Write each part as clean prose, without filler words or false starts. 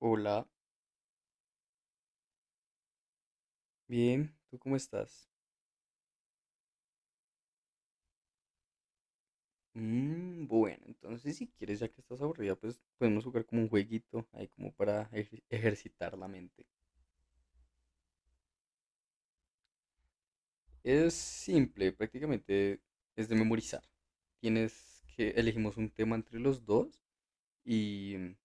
Hola, bien, ¿tú cómo estás? Bueno, entonces si quieres, ya que estás aburrida, pues podemos jugar como un jueguito ahí como para ejercitar la mente. Es simple, prácticamente es de memorizar. Tienes que elegimos un tema entre los dos y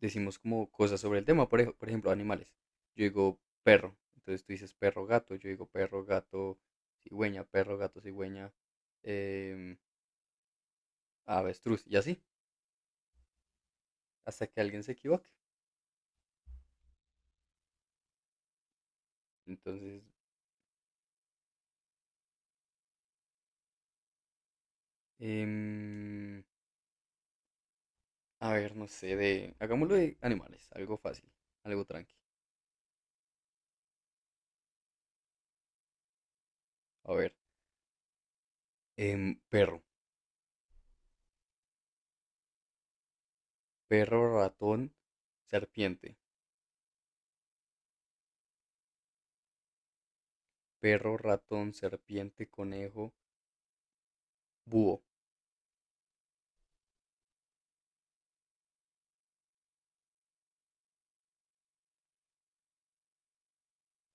decimos como cosas sobre el tema, por ejemplo, animales. Yo digo perro, entonces tú dices perro, gato, yo digo perro, gato, cigüeña, em, avestruz, y así, hasta que alguien se equivoque. Entonces, em, a ver, no sé, hagámoslo de animales, algo fácil, algo tranqui. A ver, perro, perro, ratón, serpiente, perro, ratón, serpiente, conejo, búho.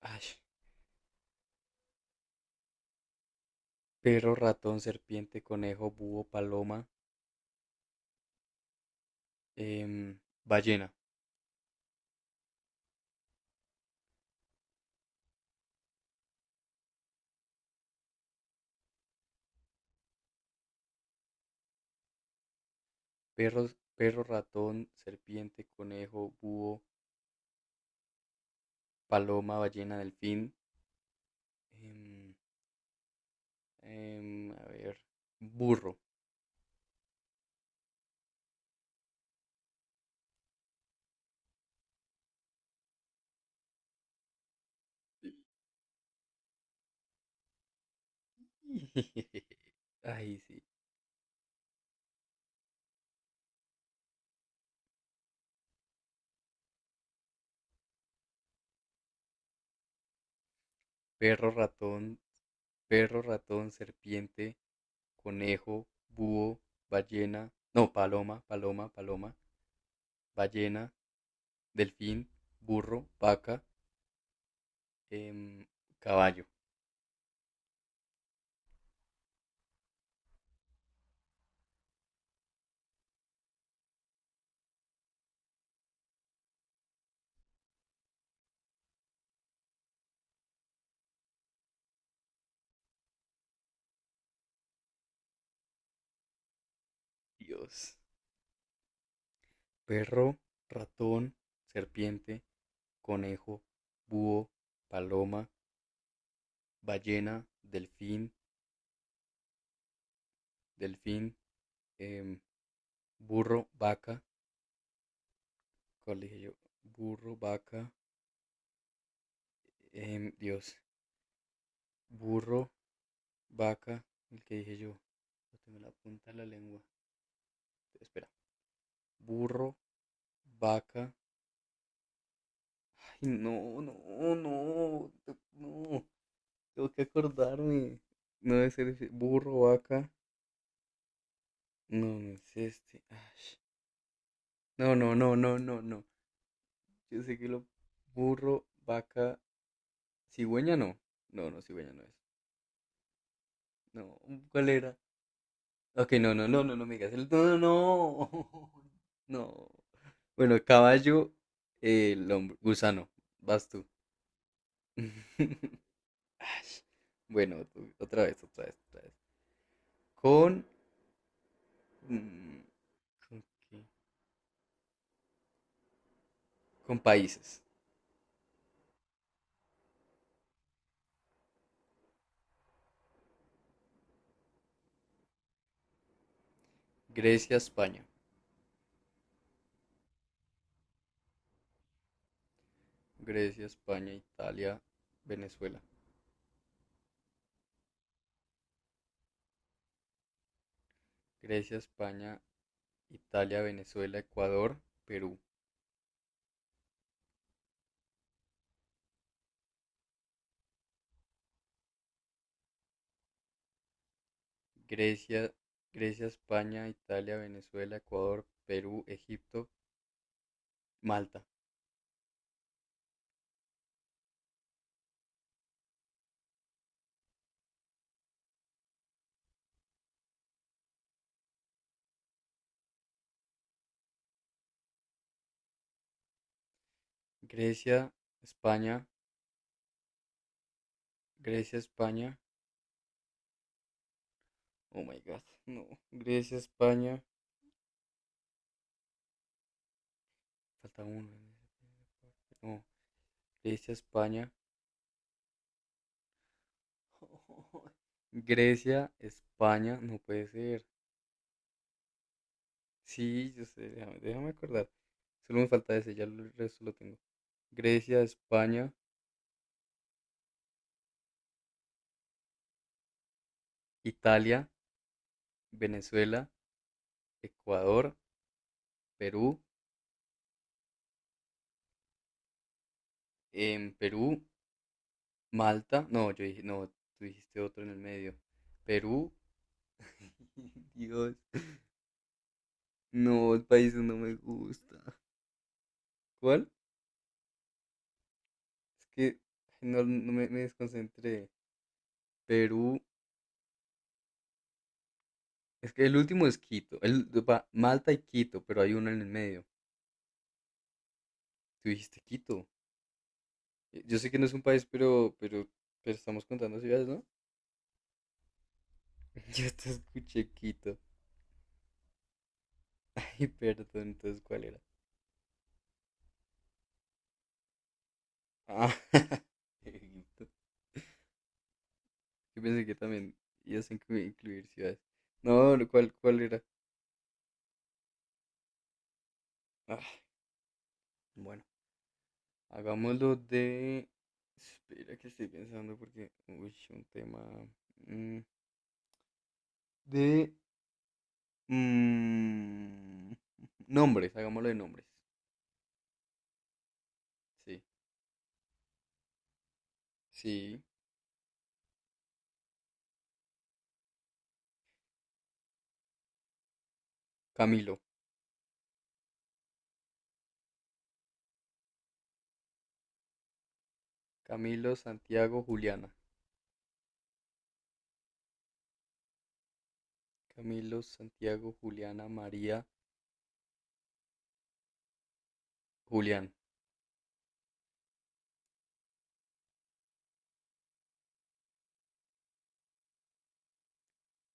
Ay, perro, ratón, serpiente, conejo, búho, paloma, em, ballena. Perro, perro, ratón, serpiente, conejo, búho, paloma, ballena, delfín. em, a ver, burro. Ay, sí. Perro, ratón, perro, ratón, serpiente, conejo, búho, ballena, no, paloma, paloma, paloma, ballena, delfín, burro, vaca, em, caballo. Dios. Perro, ratón, serpiente, conejo, búho, paloma, ballena, delfín, delfín, em, burro, vaca. ¿Cuál dije yo? Burro, vaca. Dios. Burro, vaca, el que dije yo. No tengo en la punta de la lengua. Espera. Burro, vaca. Ay, no, no, no, no. Tengo que acordarme. No debe ser ese. Burro, vaca. No, no es este. Ay. No, no, no, no, no, no. Yo sé que lo burro, vaca, cigüeña no. No, no, cigüeña no es. No, ¿cuál era? Ok, no, no, no, no, no me digas. No, no, no. No. Bueno, caballo, el hombre, gusano, vas tú. Ay, bueno, otra vez, otra vez, otra vez. Con, mm, ¿con qué? Con países. Grecia, España. Grecia, España, Italia, Venezuela. Grecia, España, Italia, Venezuela, Ecuador, Perú. Grecia, Grecia, España, Italia, Venezuela, Ecuador, Perú, Egipto, Malta. Grecia, España, Grecia, España, oh my god, no. Grecia, España. Falta uno. No, Grecia, España. Grecia, España. No puede ser. Sí, yo sé, déjame, déjame acordar. Solo me falta ese, ya el resto lo tengo. Grecia, España, Italia, Venezuela, Ecuador, Perú. En Perú, Malta. No, yo dije, no, tú dijiste otro en el medio. Perú. Dios. No, el país no me gusta. ¿Cuál? Es que ay, no, no me desconcentré. Perú, es que el último es Quito. El, va, Malta y Quito, pero hay uno en el medio. Tú dijiste Quito. Yo sé que no es un país, pero estamos contando ciudades, ¿no? Yo te escuché Quito. Ay, perdón, entonces, ¿cuál era? Ah, Egipto. Yo pensé que también ibas a incluir ciudades. No, no, ¿cuál era? Ah, bueno, hagámoslo de... Espera que estoy pensando porque... Uy, un tema. mm, de mm, Nombres, hagámoslo de nombres. Sí, sí, Camilo. Camilo, Santiago, Juliana. Camilo, Santiago, Juliana, María, Julián.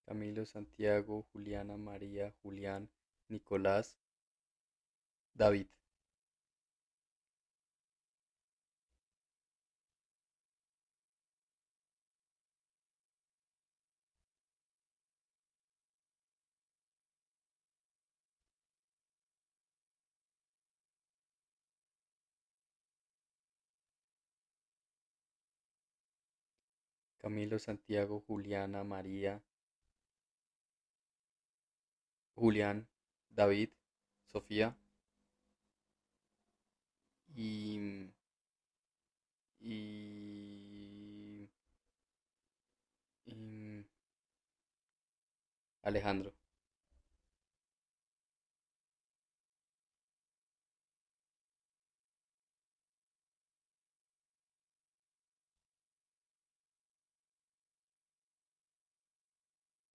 Camilo, Santiago, Juliana, María, Julián, Nicolás, David. Camilo, Santiago, Juliana, María, Julián, David, Sofía y, y, y Alejandro.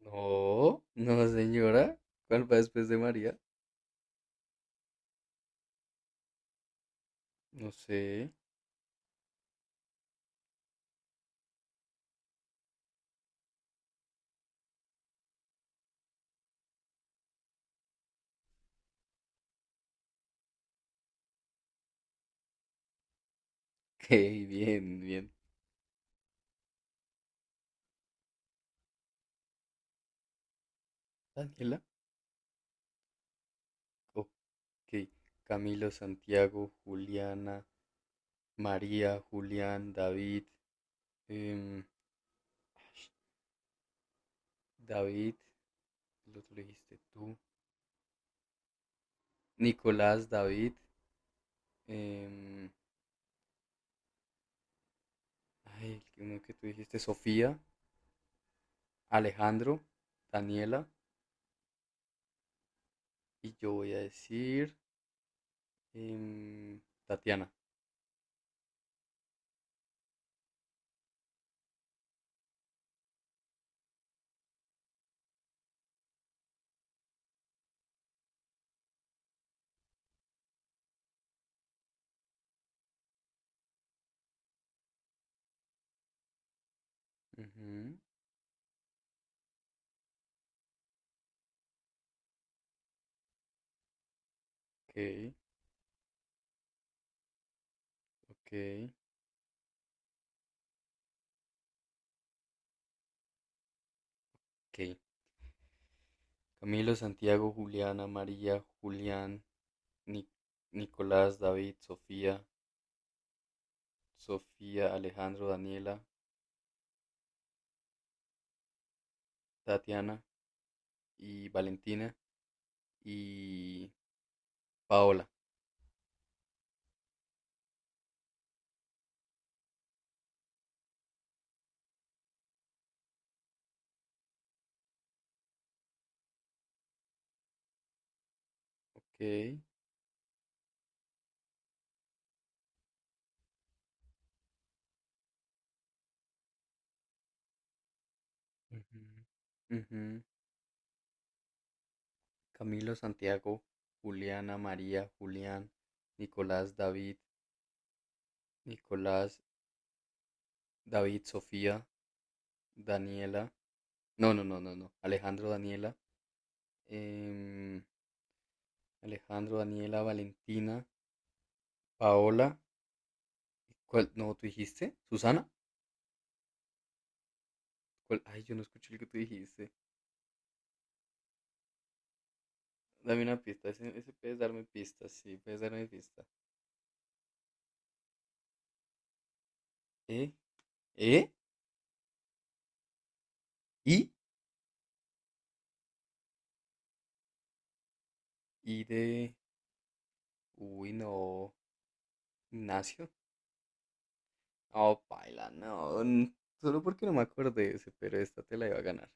No, no, señora. ¿Cuál va después de María? No sé. Ok, bien, bien. Daniela. Ok. Camilo, Santiago, Juliana, María, Julián, David. em, David, el otro lo dijiste tú. Nicolás, David. em, ay, uno que tú dijiste, Sofía, Alejandro, Daniela. Y yo voy a decir em, Tatiana. Ujú, ok, ok, ok. Camilo, Santiago, Juliana, María, Julián, Ni- Nicolás, David, Sofía, Sofía, Alejandro, Daniela, Tatiana y Valentina y Paola. Ok. Ujú, ujú. Camilo, Santiago, Juliana, María, Julián, Nicolás, David, Nicolás, David, Sofía, Daniela. No, no, no, no, no. Alejandro, Daniela. em, Alejandro, Daniela, Valentina, Paola. ¿Cuál? No, ¿tú dijiste? ¿Susana? ¿Cuál? Ay, yo no escuché lo que tú dijiste. Dame una pista. Ese puedes darme pistas. Sí, puedes darme pista. ¿Eh? ¿Eh? ¿Y? ¿Y de...? Uy, no. Ignacio. Oh, paila, no. Solo porque no me acordé de ese, pero esta te la iba a ganar.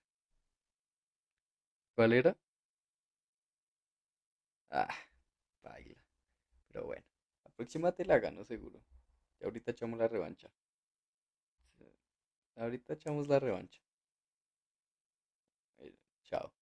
¿Cuál era? Ah, paila. Pero bueno. La próxima te la gano seguro. Y ahorita echamos la revancha. Ahorita echamos la revancha. Eh, Chao.